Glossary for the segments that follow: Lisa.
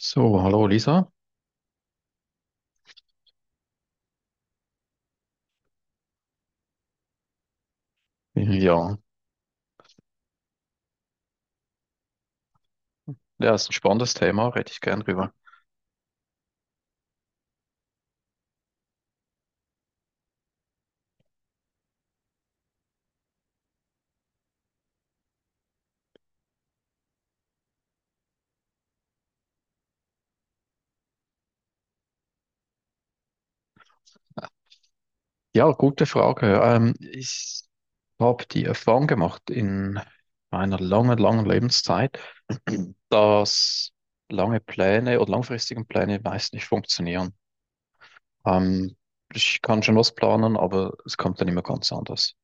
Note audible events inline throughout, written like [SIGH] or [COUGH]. So, hallo Lisa. Ja, ja, ist ein spannendes Thema, rede ich gern drüber. Ja, gute Frage. Ich habe die Erfahrung gemacht in meiner langen, langen Lebenszeit, [CLEARS THROAT] dass lange Pläne oder langfristigen Pläne meist nicht funktionieren. Ähm, ich kann schon was planen, aber es kommt dann immer ganz anders.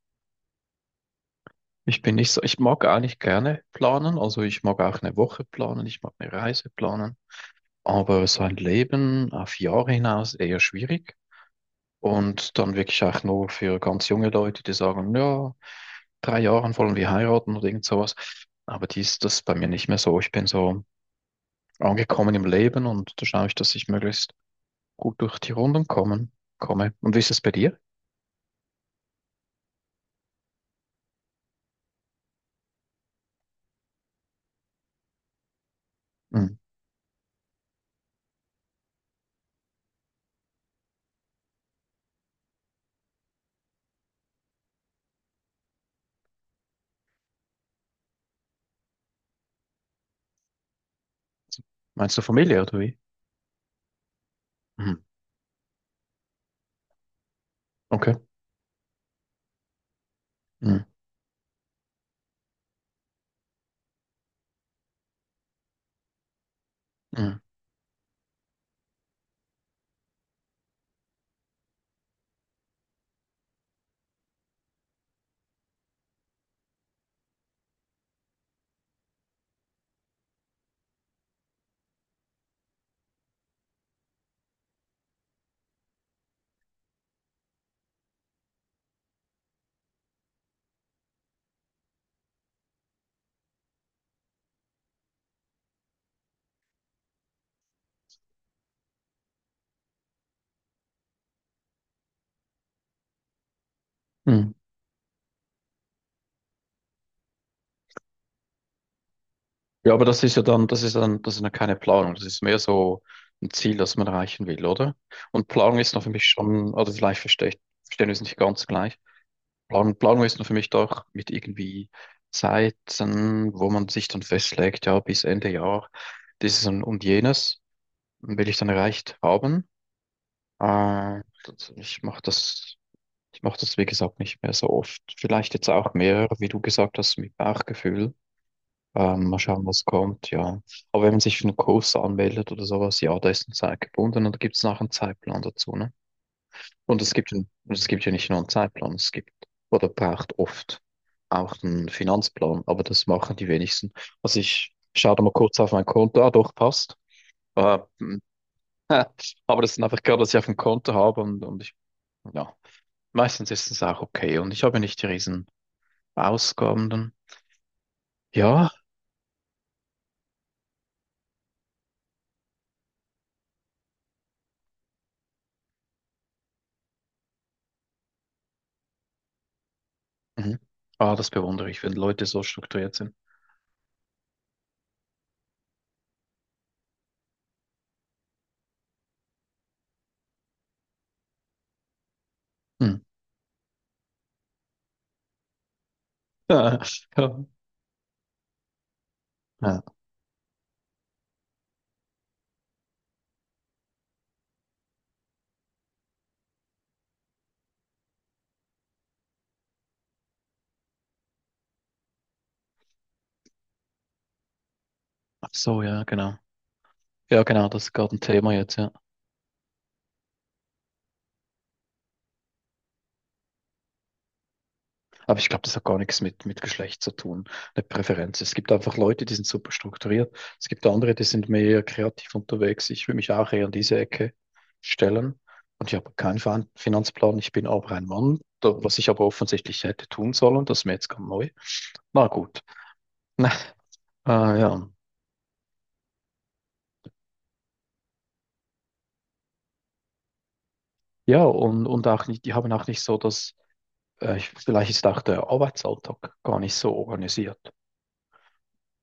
Ich bin nicht so, ich mag eigentlich gerne planen, also ich mag auch eine Woche planen, ich mag eine Reise planen, aber so ein Leben auf Jahre hinaus eher schwierig. Und dann wirklich auch nur für ganz junge Leute, die sagen, ja, drei Jahren wollen wir heiraten oder irgend sowas. Aber dies, das ist bei mir nicht mehr so. Ich bin so angekommen im Leben und da schaue ich, dass ich möglichst gut durch die Runden kommen, komme. Und wie ist es bei dir? Hm. Meinst du Familie oder wie? Hm. Okay. Hm. Hm. Hm. Ja, aber das ist ja dann, das ist ja keine Planung. Das ist mehr so ein Ziel, das man erreichen will, oder? Und Planung ist noch für mich schon, oder vielleicht verstehe ich, verstehen wir es nicht ganz gleich. Plan Planung ist nur für mich doch mit irgendwie Zeiten, wo man sich dann festlegt, ja, bis Ende Jahr dieses und jenes will ich dann erreicht haben. Äh, das- ich mache das, ich mache das, wie gesagt, nicht mehr so oft. Vielleicht jetzt auch mehr, wie du gesagt hast, mit Bauchgefühl. Mal schauen, was kommt, ja. Aber wenn man sich für einen Kurs anmeldet oder sowas, ja, da ist eine Zeit gebunden und da gibt es nachher einen Zeitplan dazu, ne? Und es gibt, ein- es gibt ja nicht nur einen Zeitplan, es gibt oder braucht oft auch einen Finanzplan, aber das machen die wenigsten. Also ich schaue da mal kurz auf mein Konto, ah doch, passt. Äh, hm, [LAUGHS] aber das ist einfach gerade, was ich auf dem Konto habe und ich, ja, meistens ist es auch okay und ich habe nicht die riesen Ausgaben dann. Ja, mhm. Ah, das bewundere ich, wenn Leute so strukturiert sind. Hm. [LAUGHS] Ja. Ja. Ach so, ja, genau. Ja, genau, das ist gerade ein Thema jetzt, ja. Aber ich glaube, das hat gar nichts mit, mit Geschlecht zu tun, eine Präferenz. Es gibt einfach Leute, die sind super strukturiert. Es gibt andere, die sind mehr kreativ unterwegs. Ich will mich auch eher in diese Ecke stellen. Und ich habe keinen Finanzplan. Ich bin aber ein Mann, was ich aber offensichtlich hätte tun sollen. Das ist mir jetzt ganz neu. Na gut. [LAUGHS] Na, ja. Ja, und auch nicht, die haben auch nicht so dass vielleicht ist auch der Arbeitsalltag gar nicht so organisiert.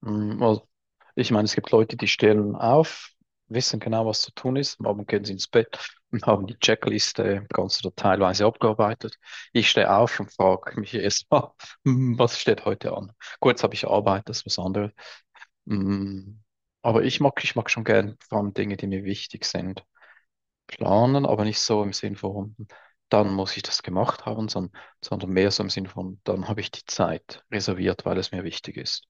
Mm, also ich meine, es gibt Leute, die stehen auf, wissen genau, was zu tun ist. Am Abend gehen sie ins Bett [LAUGHS] und haben die Checkliste ganz oder teilweise abgearbeitet. Ich stehe auf und frage mich erstmal, [LAUGHS] was steht heute an? Kurz habe ich Arbeit, das ist was anderes. Mm, aber ich mag schon gern vor allem Dinge, die mir wichtig sind, planen, aber nicht so im Sinn von, dann muss ich das gemacht haben, sondern, sondern mehr so im Sinn von, dann habe ich die Zeit reserviert, weil es mir wichtig ist.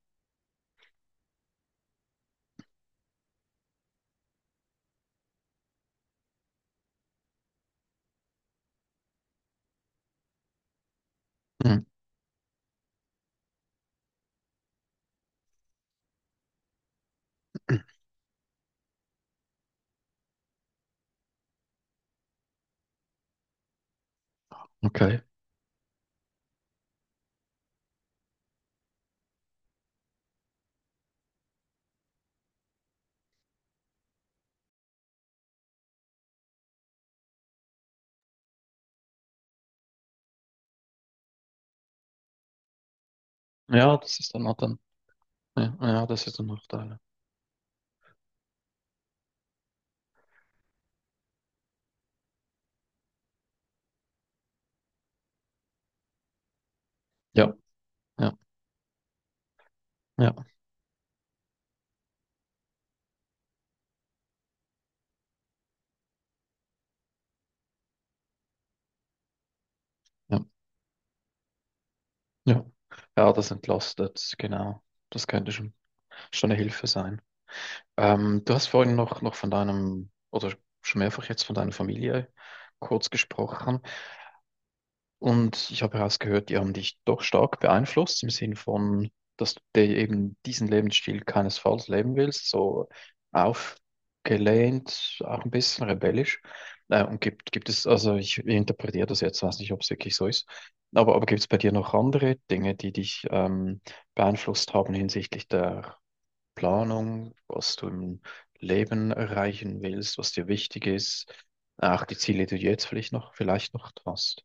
Mm, [CLEARS THROAT] okay. Ja, das ist dann, ja, ah ja, das ist der Nachteil. Ja, ja, ja, ja, ja. Ja, das entlastet, genau. Das könnte schon, schon eine Hilfe sein. Du hast vorhin noch, noch von deinem, oder schon mehrfach jetzt von deiner Familie kurz gesprochen. Und ich habe herausgehört, die haben dich doch stark beeinflusst im Sinn von, dass du dir eben diesen Lebensstil keinesfalls leben willst, so aufgelehnt, auch ein bisschen rebellisch. Und gibt, gibt es, also ich interpretiere das jetzt, weiß nicht, ob es wirklich so ist, aber gibt es bei dir noch andere Dinge, die dich beeinflusst haben hinsichtlich der Planung, was du im Leben erreichen willst, was dir wichtig ist, auch die Ziele, die du jetzt vielleicht noch hast?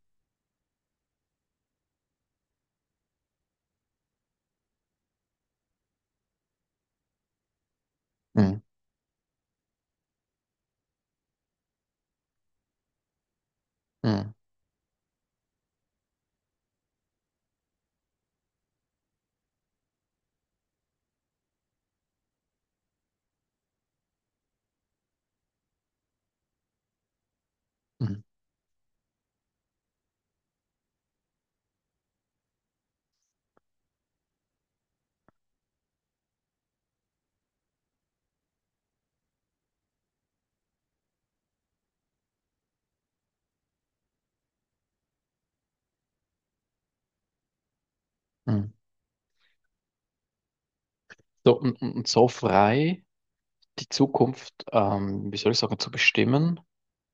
Mhm. Mhm. Mhm. Mhm. So, und so frei die Zukunft, wie soll ich sagen, zu bestimmen,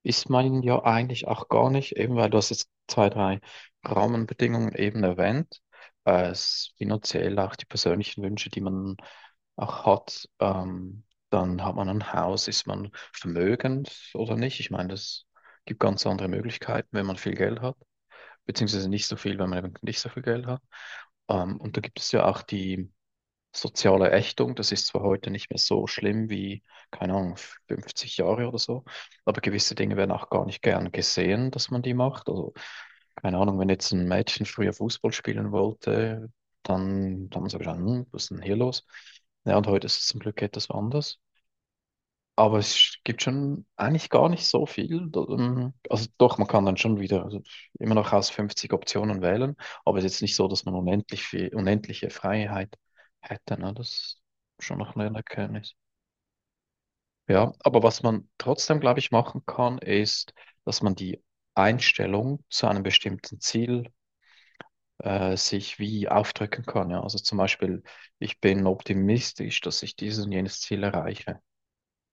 ist man ja eigentlich auch gar nicht, eben weil du hast jetzt zwei, drei Rahmenbedingungen eben erwähnt, es finanziell auch die persönlichen Wünsche, die man auch hat, dann hat man ein Haus, ist man vermögend oder nicht? Ich meine, das gibt ganz andere Möglichkeiten, wenn man viel Geld hat, beziehungsweise nicht so viel, wenn man eben nicht so viel Geld hat. Und da gibt es ja auch die soziale Ächtung. Das ist zwar heute nicht mehr so schlimm wie, keine Ahnung, 50 Jahre oder so, aber gewisse Dinge werden auch gar nicht gern gesehen, dass man die macht. Also, keine Ahnung, wenn jetzt ein Mädchen früher Fußball spielen wollte, dann, dann haben sie gesagt, "Hm, was ist denn hier los? Ja, und heute ist es zum Glück etwas anders. Aber es gibt schon eigentlich gar nicht so viel. Also doch, man kann dann schon wieder also immer noch aus 50 Optionen wählen, aber es ist jetzt nicht so, dass man unendlich viel, unendliche Freiheit hätte. Ne? Das ist schon noch eine Erkenntnis. Ja, aber was man trotzdem, glaube ich, machen kann, ist, dass man die Einstellung zu einem bestimmten Ziel sich wie aufdrücken kann. Ja? Also zum Beispiel, ich bin optimistisch, dass ich dieses und jenes Ziel erreiche.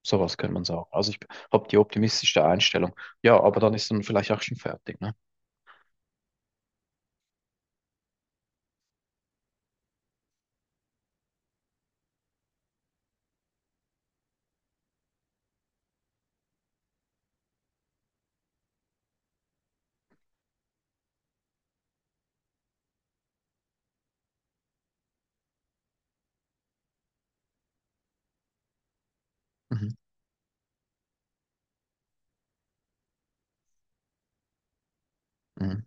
Sowas könnte man sagen. Also ich habe die optimistischste Einstellung. Ja, aber dann ist man vielleicht auch schon fertig, ne? Mhm. Mhm.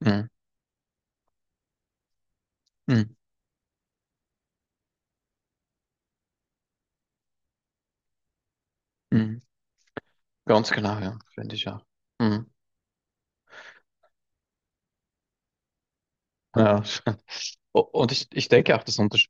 Mhm. Mhm. Mhm. Ganz genau, ja, finde ich auch. Mhm. Ja. [LAUGHS] Und ich denke auch, das untersch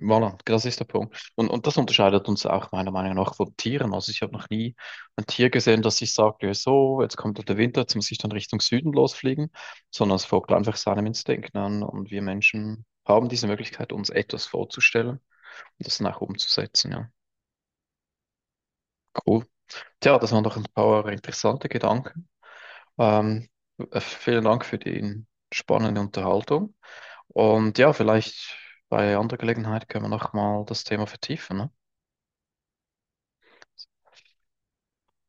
voilà, das ist der Punkt. Und das unterscheidet uns auch meiner Meinung nach von Tieren. Also ich habe noch nie ein Tier gesehen, das sich sagt, ja, so, jetzt kommt halt der Winter, jetzt muss ich dann Richtung Süden losfliegen, sondern es folgt einfach seinem Instinkt, ne? Und wir Menschen haben diese Möglichkeit, uns etwas vorzustellen und das dann auch umzusetzen, ja. Cool. Tja, das waren doch ein paar interessante Gedanken. Ähm, vielen Dank für die spannende Unterhaltung. Und ja, vielleicht bei anderer Gelegenheit können wir nochmal das Thema vertiefen, ne?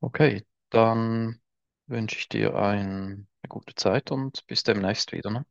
Okay, dann wünsche ich dir ein, eine gute Zeit und bis demnächst wieder, ne?